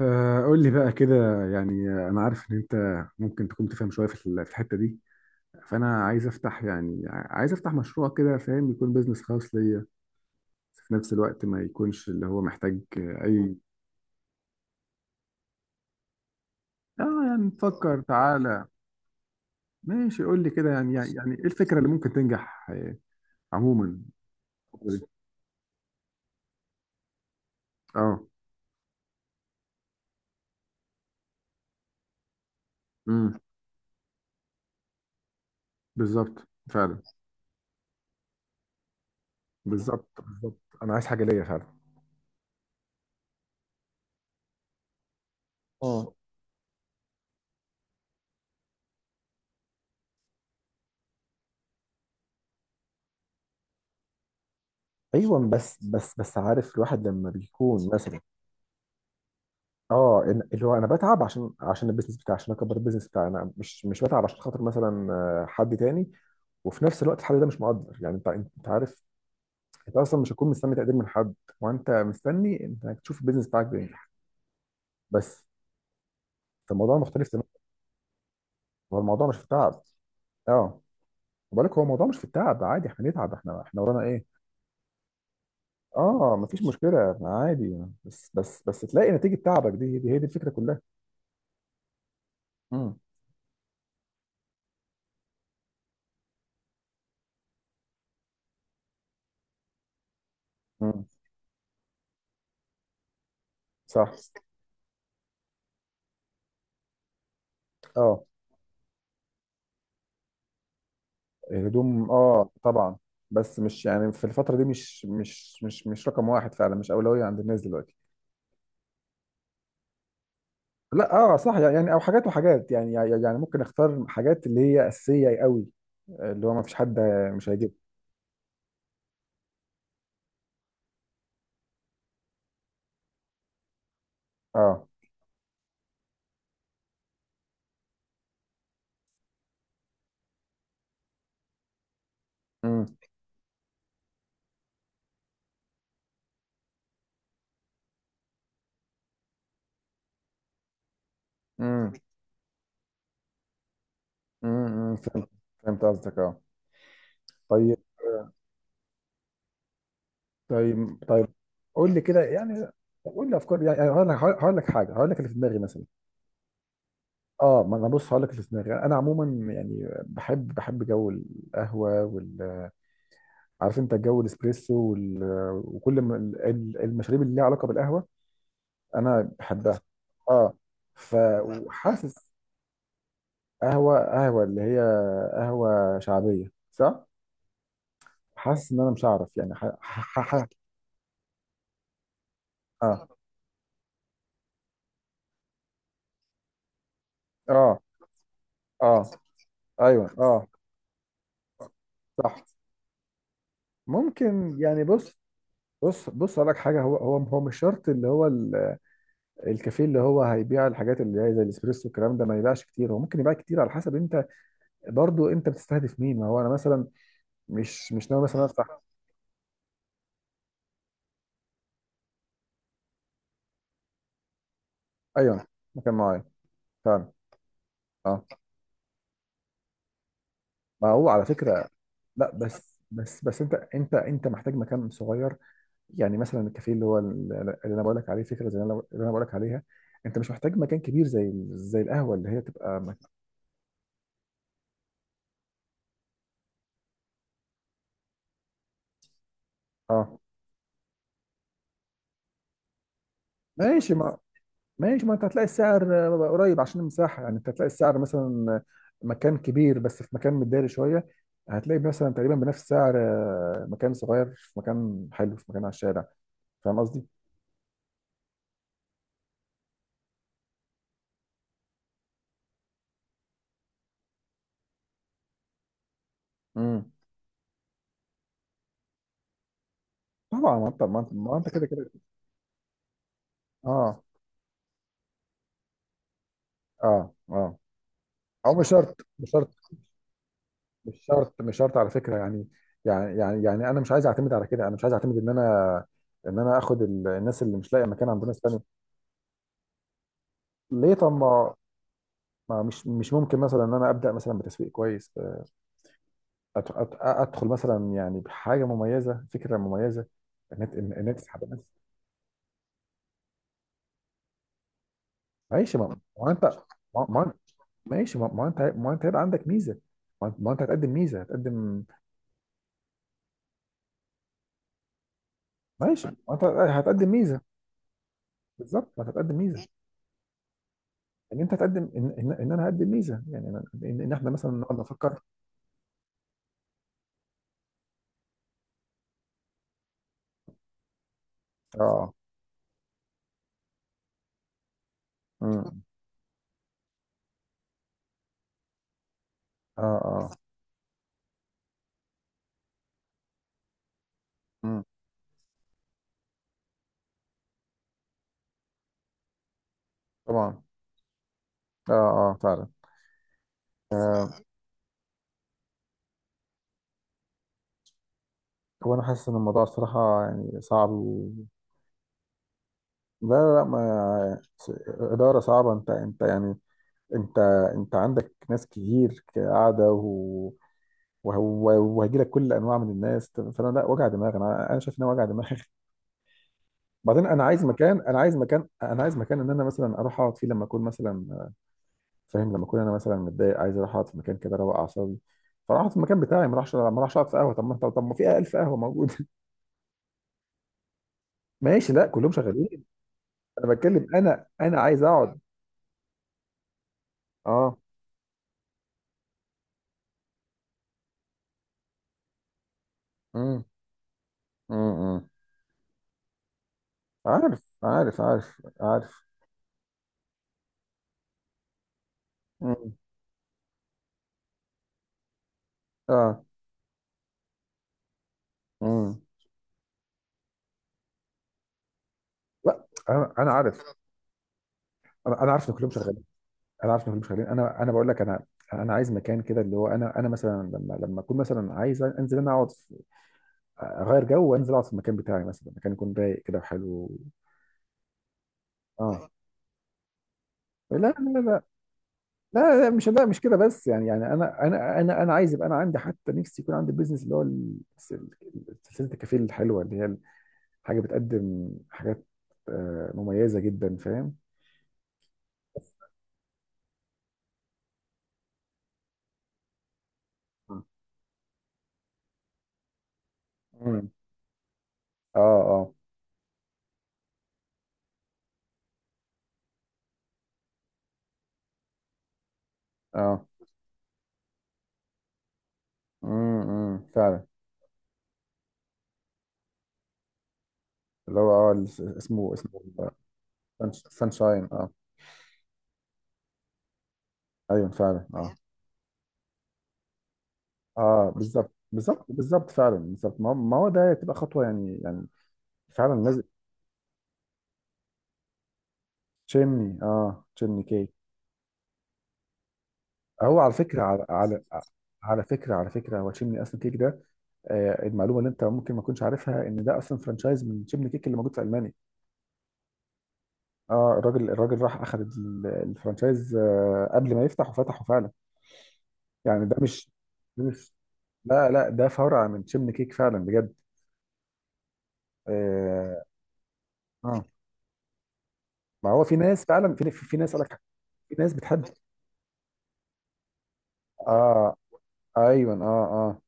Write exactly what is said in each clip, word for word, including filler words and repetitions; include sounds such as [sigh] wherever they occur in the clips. آه، قول لي بقى كده يعني انا عارف ان انت ممكن تكون تفهم شويه في ال- في الحته دي. فانا عايز افتح يعني ع- عايز افتح مشروع كده فاهم، يكون بيزنس خاص ليا، بس في نفس الوقت ما يكونش اللي هو محتاج آه، اي اه، يعني نفكر، تعالى ماشي قول لي كده يعني يعني يعني ايه الفكره اللي ممكن تنجح آه، عموما. اه. امم. بالظبط فعلا. بالظبط بالظبط انا عايز حاجه ليا فعلا. اه. ايوه بس بس بس عارف الواحد لما بيكون مثلا اه إن- اللي هو انا بتعب عشان عشان البيزنس بتاعي، عشان اكبر البيزنس بتاعي، انا مش مش بتعب عشان خاطر مثلا آه، حد تاني. وفي نفس الوقت الحد ده مش مقدر، يعني انت انت عارف. انت اصلا مش هتكون مستني تقدير من حد، وانت مستني انك تشوف البيزنس بتاعك بينجح بس. فالموضوع مختلف تماما. هو الموضوع مش في التعب. اه. بالك، هو الموضوع مش في التعب، عادي احنا نتعب، احنا احنا ورانا ايه. اه، مفيش مشكله، عادي بس بس بس تلاقي نتيجه تعبك، دي دي هي دي الفكره كلها. امم. امم، صح. اه. الهدوم، اه طبعا. بس مش يعني، في الفترة دي مش مش مش مش رقم واحد فعلا، مش أولوية عند الناس دلوقتي. لا، اه صح، يعني او حاجات وحاجات، يعني يعني يعني ممكن اختار حاجات اللي هي أساسية قوي، اللي هو ما فيش حد مش هيجيب. اه. امم. امم امم أمم، فهمت. فهمت قصدك اه. طيب. طيب طيب. قول لي كده يعني، قول لي افكار يعني، هقول لك هقول لك حاجه، هقول لك اللي في دماغي مثلا. اه، ما انا بص، هقول لك اللي في دماغي، انا عموما يعني بحب بحب جو القهوه، عارف انت الجو، الاسبريسو وال... وكل ما ال- ال- المشاريب اللي ليها علاقه بالقهوه، انا بحبها. اه. ف وحاسس قهوه قهوه اللي هي قهوه شعبيه، صح. حاسس ان انا مش هعرف يعني ح... ح... ح... ح- اه اه اه، ايوه اه. صح. ممكن يعني، بص، بص بص اقول لك حاجه، هو هو هو مش شرط اللي هو ال- الكافيه اللي هو هيبيع الحاجات اللي هي زي الاسبريسو والكلام ده، ما يبيعش كتير، هو ممكن يبيع كتير على حسب انت، برضو انت بتستهدف مين، ما هو انا مثلا مش مش ناوي مثلا افتح. ايوه. مكان معين فعلا. اه، ما هو على فكره. لا، بس بس بس انت انت انت محتاج مكان صغير، يعني مثلا الكافيه اللي هو اللي انا بقول لك عليه، فكره زي اللي انا بقول لك عليها، انت مش محتاج مكان كبير، زي زي القهوه اللي هي تبقى مك... اه، ماشي، ما ماشي، ما انت هتلاقي السعر آه، قريب عشان المساحه، يعني انت هتلاقي السعر مثلا آه، مكان كبير بس في مكان متداري شويه، هتلاقي مثلا تقريبا بنفس سعر آه، مكان صغير في مكان حلو، في مكان على الشارع. فاهم قصدي؟ مم. طبعا، ما انت ما انت ما انت كده كده. اه اه اه. او مش شرط، مش شرط، مش شرط مش شرط على فكره، يعني يعني يعني يعني انا مش عايز اعتمد على كده، انا مش عايز اعتمد ان انا ان انا اخد ال- الناس اللي مش لاقيه مكان عند ناس تانيه. ليه؟ طب، ما ما مش مش ممكن مثلا ان انا ابدا مثلا بتسويق كويس، أت- أت- ادخل مثلا يعني بحاجه مميزه، فكره مميزه، ان انت ان إن انت تسحب الناس. ماشي، ما ما انت، ما ما- ماشي، ما ما انت ما انت هيبقى عندك ميزه، ما انت ما أنت هتقدم ميزه، هتقدم ماشي، انت هتقدم ميزه. بالظبط، ما هتقدم ميزه. ان انت هتقدم، ان, إن, إن انا هقدم ميزه، يعني ان, إن إن احنا مثلا نقعد نفكر. اه. امم. اه اه. امم. طبعا. اه اه فعلا. آه. هو انا حاسس ان الموضوع الصراحه يعني صعب و... لا لا لا، ما س- اداره صعبه، انت انت يعني، انت، انت عندك ناس كتير قاعده و... وهو- وهيجي لك كل انواع من الناس، فانا لا، وجع دماغ، انا انا شايف ان هو وجع دماغ. بعدين انا عايز مكان انا عايز مكان انا عايز مكان ان انا مثلا اروح اقعد فيه لما اكون مثلا فاهم، لما اكون انا مثلا متضايق عايز اروح اقعد في مكان كده اروق اعصابي، فاروح أقعد في المكان بتاعي، ما اروحش ما اروحش اقعد في قهوه. طب ما طب طب ما في ألف قهوه موجوده. [laughs] ماشي، لا كلهم شغالين. انا بتكلم، انا انا عايز اقعد. اه. امم. امم. عارف عارف عارف عارف. امم. اه. امم. لا، انا انا عارف، انا أنا عارف ان كلهم شغالين. انا عارف ان مش، خليني انا انا بقول لك، انا، انا عايز مكان كده اللي هو انا انا مثلا لما لما اكون مثلا عايز انزل انا اقعد في- اغير جو وانزل اقعد في المكان بتاعي مثلا، مكان يكون رايق كده وحلو. اه. لا لا. لا. لا لا مش لا مش كده، بس يعني يعني انا انا انا انا عايز يبقى انا عندي حتى نفسي يكون عندي بيزنس اللي هو ال- سلسله الكافيه الحلوه اللي هي حاجه بتقدم حاجات آه، مميزه جدا، فاهم. امم. اه اه اه. امم، فعلا. اللي هو اه الس- اسمه اسمه سانش- سانشاين اه. ايوه فعلا اه، فاهم؟ اه، بس بالظبط بالظبط بالظبط فعلا، بالظبط، ما هو ما هو ده تبقى خطوه يعني يعني فعلا صح، لازم. تشيمني اه، تشيمني كيك. هو على فكره، على على على فكره على فكره هو تشيمني اصلا كيك ده. آه، المعلومه اللي انت ممكن ما تكونش عارفها ان ده اصلا فرانشايز من تشيمني كيك اللي موجود في المانيا. اه، الراجل الراجل راح اخذ ال- الفرانشايز آه قبل ما يفتح وفتحه فعلا، يعني ده مش، ده مش، لا لا ده فرع من تشيمني كيك فعلا بجد. اه، آه. ما هو في ناس فعلا، في في ناس قالك، في ناس بتحب. اه ايوه اه اه.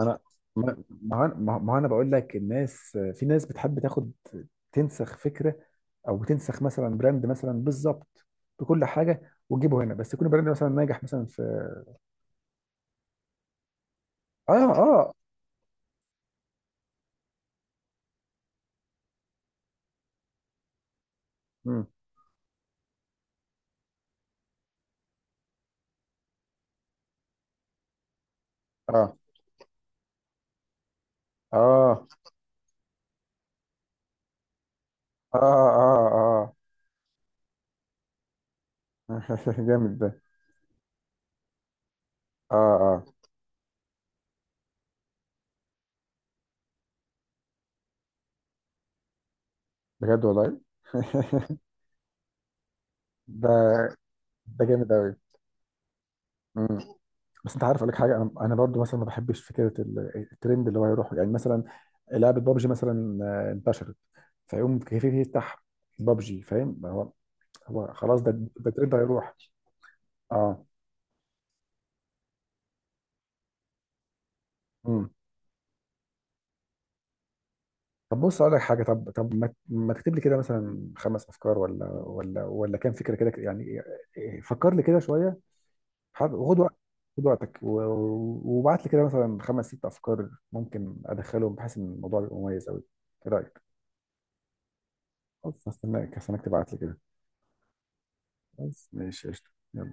انا، ما، ما ما ما انا بقول لك الناس، في ناس بتحب تاخد، تنسخ فكره، او تنسخ مثلا براند مثلا، بالظبط، بكل حاجه وتجيبه هنا، بس يكون براند مثلا ناجح مثلا في. اه اه آه. مم. اه اه اه اه اه. [laughs] جامد ده. اه اه. بجد والله. [laughs] ده، ده جامد قوي. بس انت عارف، اقول لك حاجه، انا انا برضو مثلا ما بحبش فكره ال- الترند اللي هو يروح، يعني مثلا لعبه بابجي مثلا آه، انتشرت، فيقوم كيف يفتح بابجي، فاهم، هو، هو خلاص ده ده الترند هيروح. اه. امم. طب بص اقول لك حاجه، طب طب ما ما تكتب لي كده مثلا خمس افكار ولا ولا ولا كام فكره كده يعني، إيه، فكر لي كده شويه. حد- وخد وقت، خد وقتك و- و- وابعت لي كده مثلا خمس ست افكار ممكن ادخلهم بحيث ان الموضوع يبقى مميز قوي. ايه رايك؟ خلاص، هستناك هستناك تبعت لي كده. بس ماشي، قشطة، يلا.